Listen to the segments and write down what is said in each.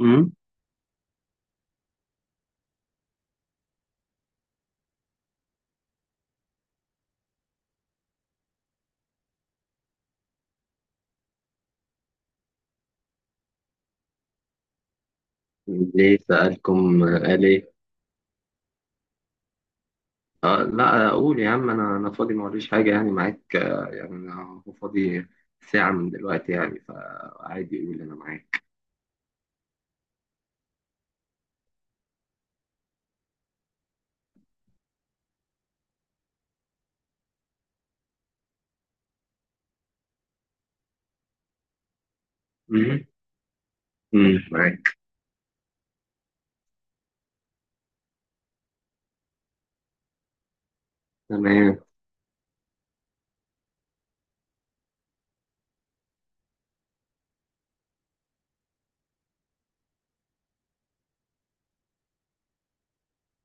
امم ليه سألكم قال إيه؟ آه، لا أقول يا عم. أنا فاضي، ما وريش حاجة يعني معاك. يعني أنا هو فاضي ساعة من دلوقتي يعني، فعادي يقول أنا معاك. مم. مم، معاك تمام.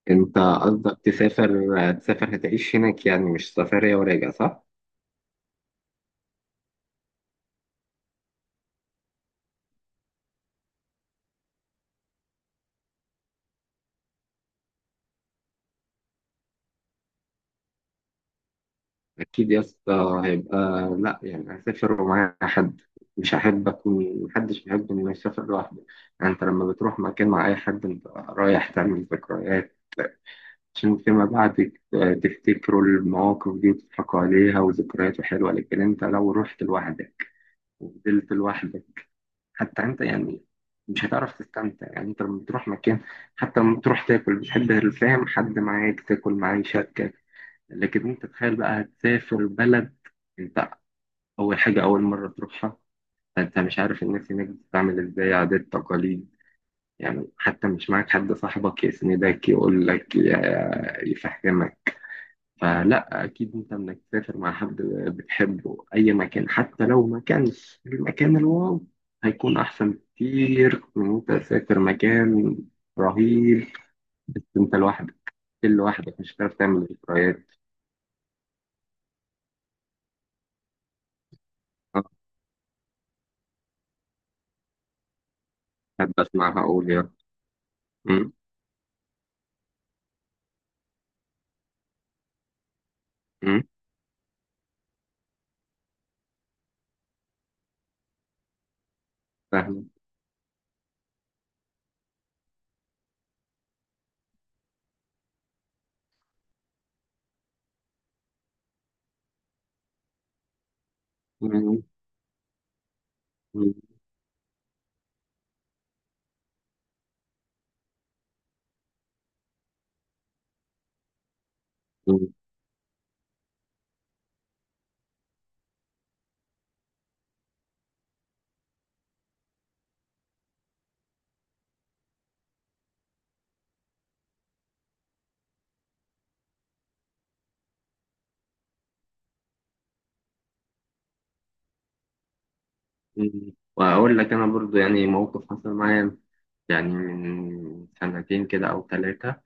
أنت قصدك تسافر هتعيش هناك يعني، مش سفرية وراجع، صح؟ أكيد يا اسطى هيبقى، لا، يعني هسافر ومعايا حد، مش هحب أكون محدش بيحب إنه يسافر لوحده. يعني أنت لما بتروح مكان مع أي حد أنت رايح تعمل ذكريات عشان فيما بعد تفتكروا المواقف دي وتضحكوا عليها، وذكريات حلوة. لكن انت لو رحت لوحدك وفضلت لوحدك، حتى انت يعني مش هتعرف تستمتع. يعني انت لما بتروح مكان، حتى لما بتروح تاكل، بتحب الفاهم حد معاك تاكل معاه يشاركك. لكن انت تخيل بقى هتسافر بلد، انت اول حاجة، اول مرة تروحها، انت مش عارف الناس هناك بتعمل ازاي، عادات، تقاليد، يعني حتى مش معاك حد صاحبك يسندك يقول لك يفهمك. فلا، اكيد انت انك تسافر مع حد بتحبه اي مكان، حتى لو ما كانش المكان الواو، هيكون احسن بكتير من انت تسافر مكان رهيب بس انت لوحدك. كل لوحدك مش هتعرف تعمل ذكريات. أه، احب اسمعها، اقول يا أم، أم، فاهم. أم، أم، أم، أم. واقول لك انا برضو يعني موقف حصل معايا يعني من سنتين كده او 3.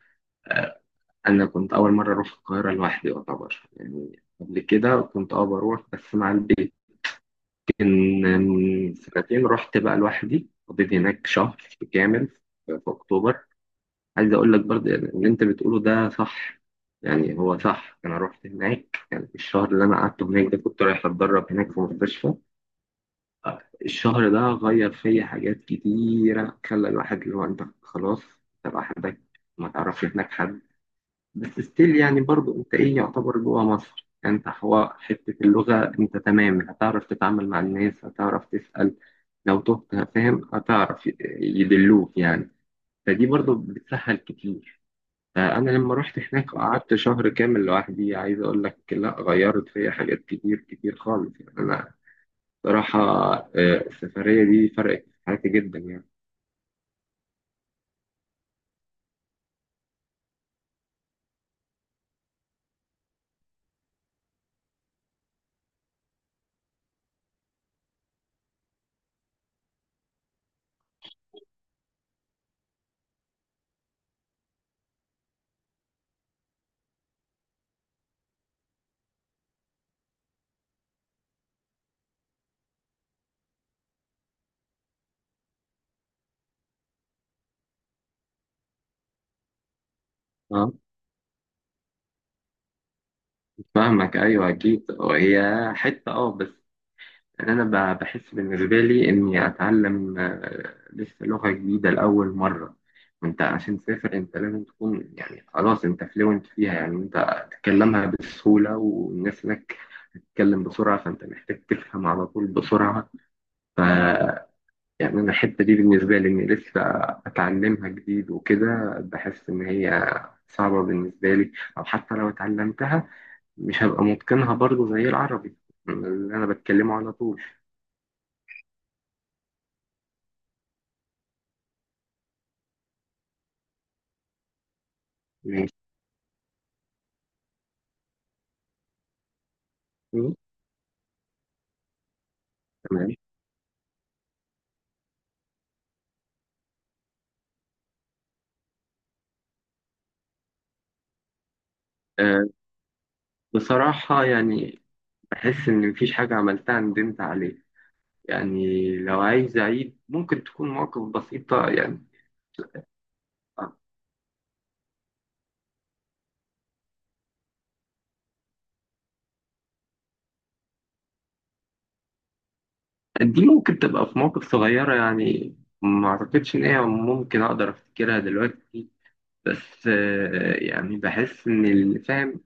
انا كنت اول مره اروح القاهره لوحدي يعتبر، يعني قبل كده كنت اه بروح بس مع البيت، لكن من سنتين رحت بقى لوحدي، قضيت هناك شهر كامل في اكتوبر. عايز اقول لك برضه يعني اللي انت بتقوله ده صح، يعني هو صح. انا رحت هناك، يعني الشهر اللي انا قعدته هناك ده كنت رايح اتدرب هناك في مستشفى. الشهر ده غير فيا حاجات كتيره، خلى الواحد اللي هو انت خلاص، انت لوحدك، ما تعرفش هناك حد، بس ستيل يعني برضو انت ايه، يعتبر جوه مصر، يعني انت حواء حتة اللغة انت تمام، هتعرف تتعامل مع الناس، هتعرف تسأل لو تهت، فاهم، هتعرف يدلوك يعني. فدي برضو بتسهل كتير. فأنا لما رحت هناك قعدت شهر كامل لوحدي، عايز أقول لك، لا غيرت فيا حاجات كتير كتير خالص يعني، أنا صراحة. آه، السفرية دي فرقت في حياتي جدا يعني. اه، فاهمك، أيوه أكيد. هي حتة بس، يعني انا بحس بالنسبه لي اني اتعلم لسه لغه جديده لاول مره. انت عشان تسافر انت لازم تكون يعني خلاص انت فلوينت فيها، يعني انت تتكلمها بسهوله، والناس هناك تتكلم بسرعه فانت محتاج تفهم على طول بسرعه. ف، يعني انا الحته دي بالنسبه لي اني لسه اتعلمها جديد وكده، بحس ان هي صعبه بالنسبه لي، او حتى لو اتعلمتها مش هبقى متقنها برضو زي العربي اللي انا بتكلمه على طول. تمام. آه، بصراحة يعني بحس إن مفيش حاجة عملتها ندمت عليها، يعني لو عايز أعيد ممكن تكون مواقف بسيطة يعني. آه، دي ممكن تبقى في مواقف صغيرة يعني، ما أعتقدش إن هي ممكن أقدر أفتكرها دلوقتي، بس يعني بحس إن اللي فاهم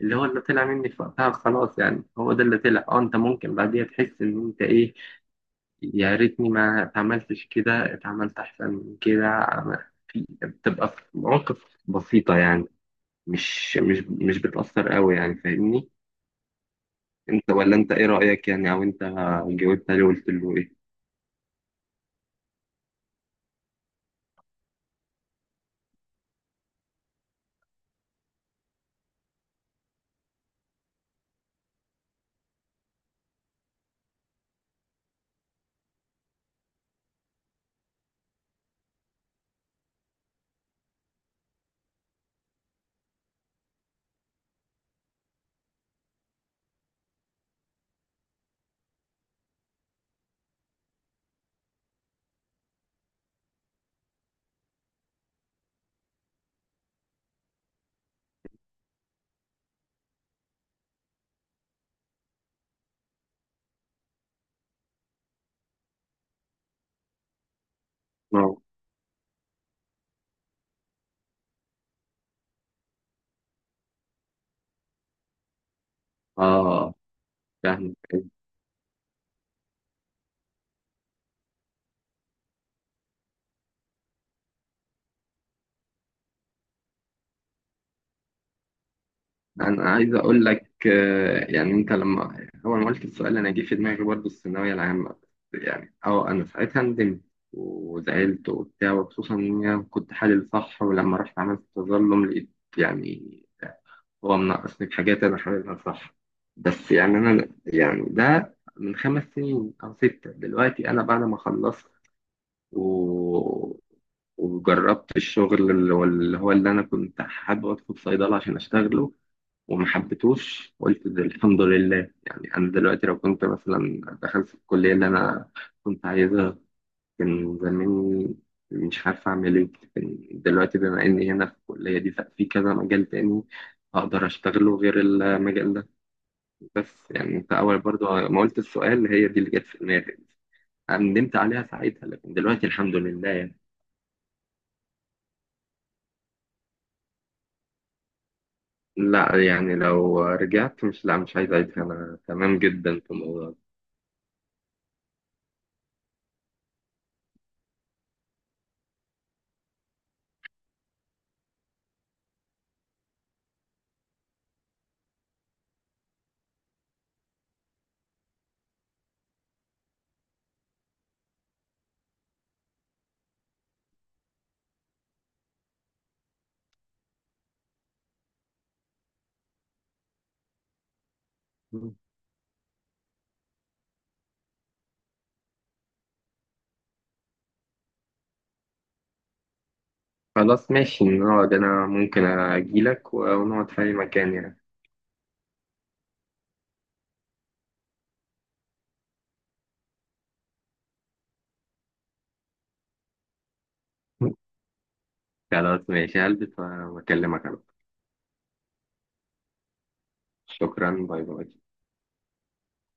اللي هو اللي طلع مني في وقتها خلاص، يعني هو ده اللي طلع. أه، أنت ممكن بعديها تحس إن أنت إيه، يا ريتني ما اتعملتش كده، اتعملت احسن من كده. في بتبقى في مواقف بسيطة يعني، مش بتأثر قوي يعني، فاهمني؟ انت، ولا انت ايه رأيك يعني، او انت جاوبت عليه وقلت له ايه؟ اه، اه، فاهم. انا عايز اقول لك يعني انت لما اول ما قلت السؤال انا جه في دماغي برضه الثانوية العامة. يعني اه، انا ساعتها ندمت وزعلت وبتاع، وخصوصا ان انا كنت حالل صح. ولما رحت عملت تظلم لقيت يعني هو مناقصني حاجات أنا حاببها صح. بس يعني أنا يعني ده من 5 سنين أو 6، دلوقتي أنا بعد ما خلصت و... وجربت الشغل اللي أنا كنت حابب أدخل صيدلة عشان أشتغله وما حبيتهوش، قلت ده الحمد لله. يعني أنا دلوقتي لو كنت مثلا دخلت في الكلية اللي أنا كنت عايزها كان زماني مش عارف أعمل إيه. كان دلوقتي بما إني هنا في الكلية دي ففي كذا مجال تاني أقدر أشتغله غير المجال ده. بس يعني أنت أول برضه ما قلت السؤال هي دي اللي جت في دماغي، ندمت عليها ساعتها لكن دلوقتي الحمد لله يعني. لا، يعني لو رجعت مش، لا مش عايز أعيدها، أنا تمام جدا في الموضوع ده. خلاص ماشي نقعد، أنا ممكن أجيلك ونقعد في أي مكان يعني. خلاص ماشي هلبس وأكلمك على طول. شكرا، باي باي.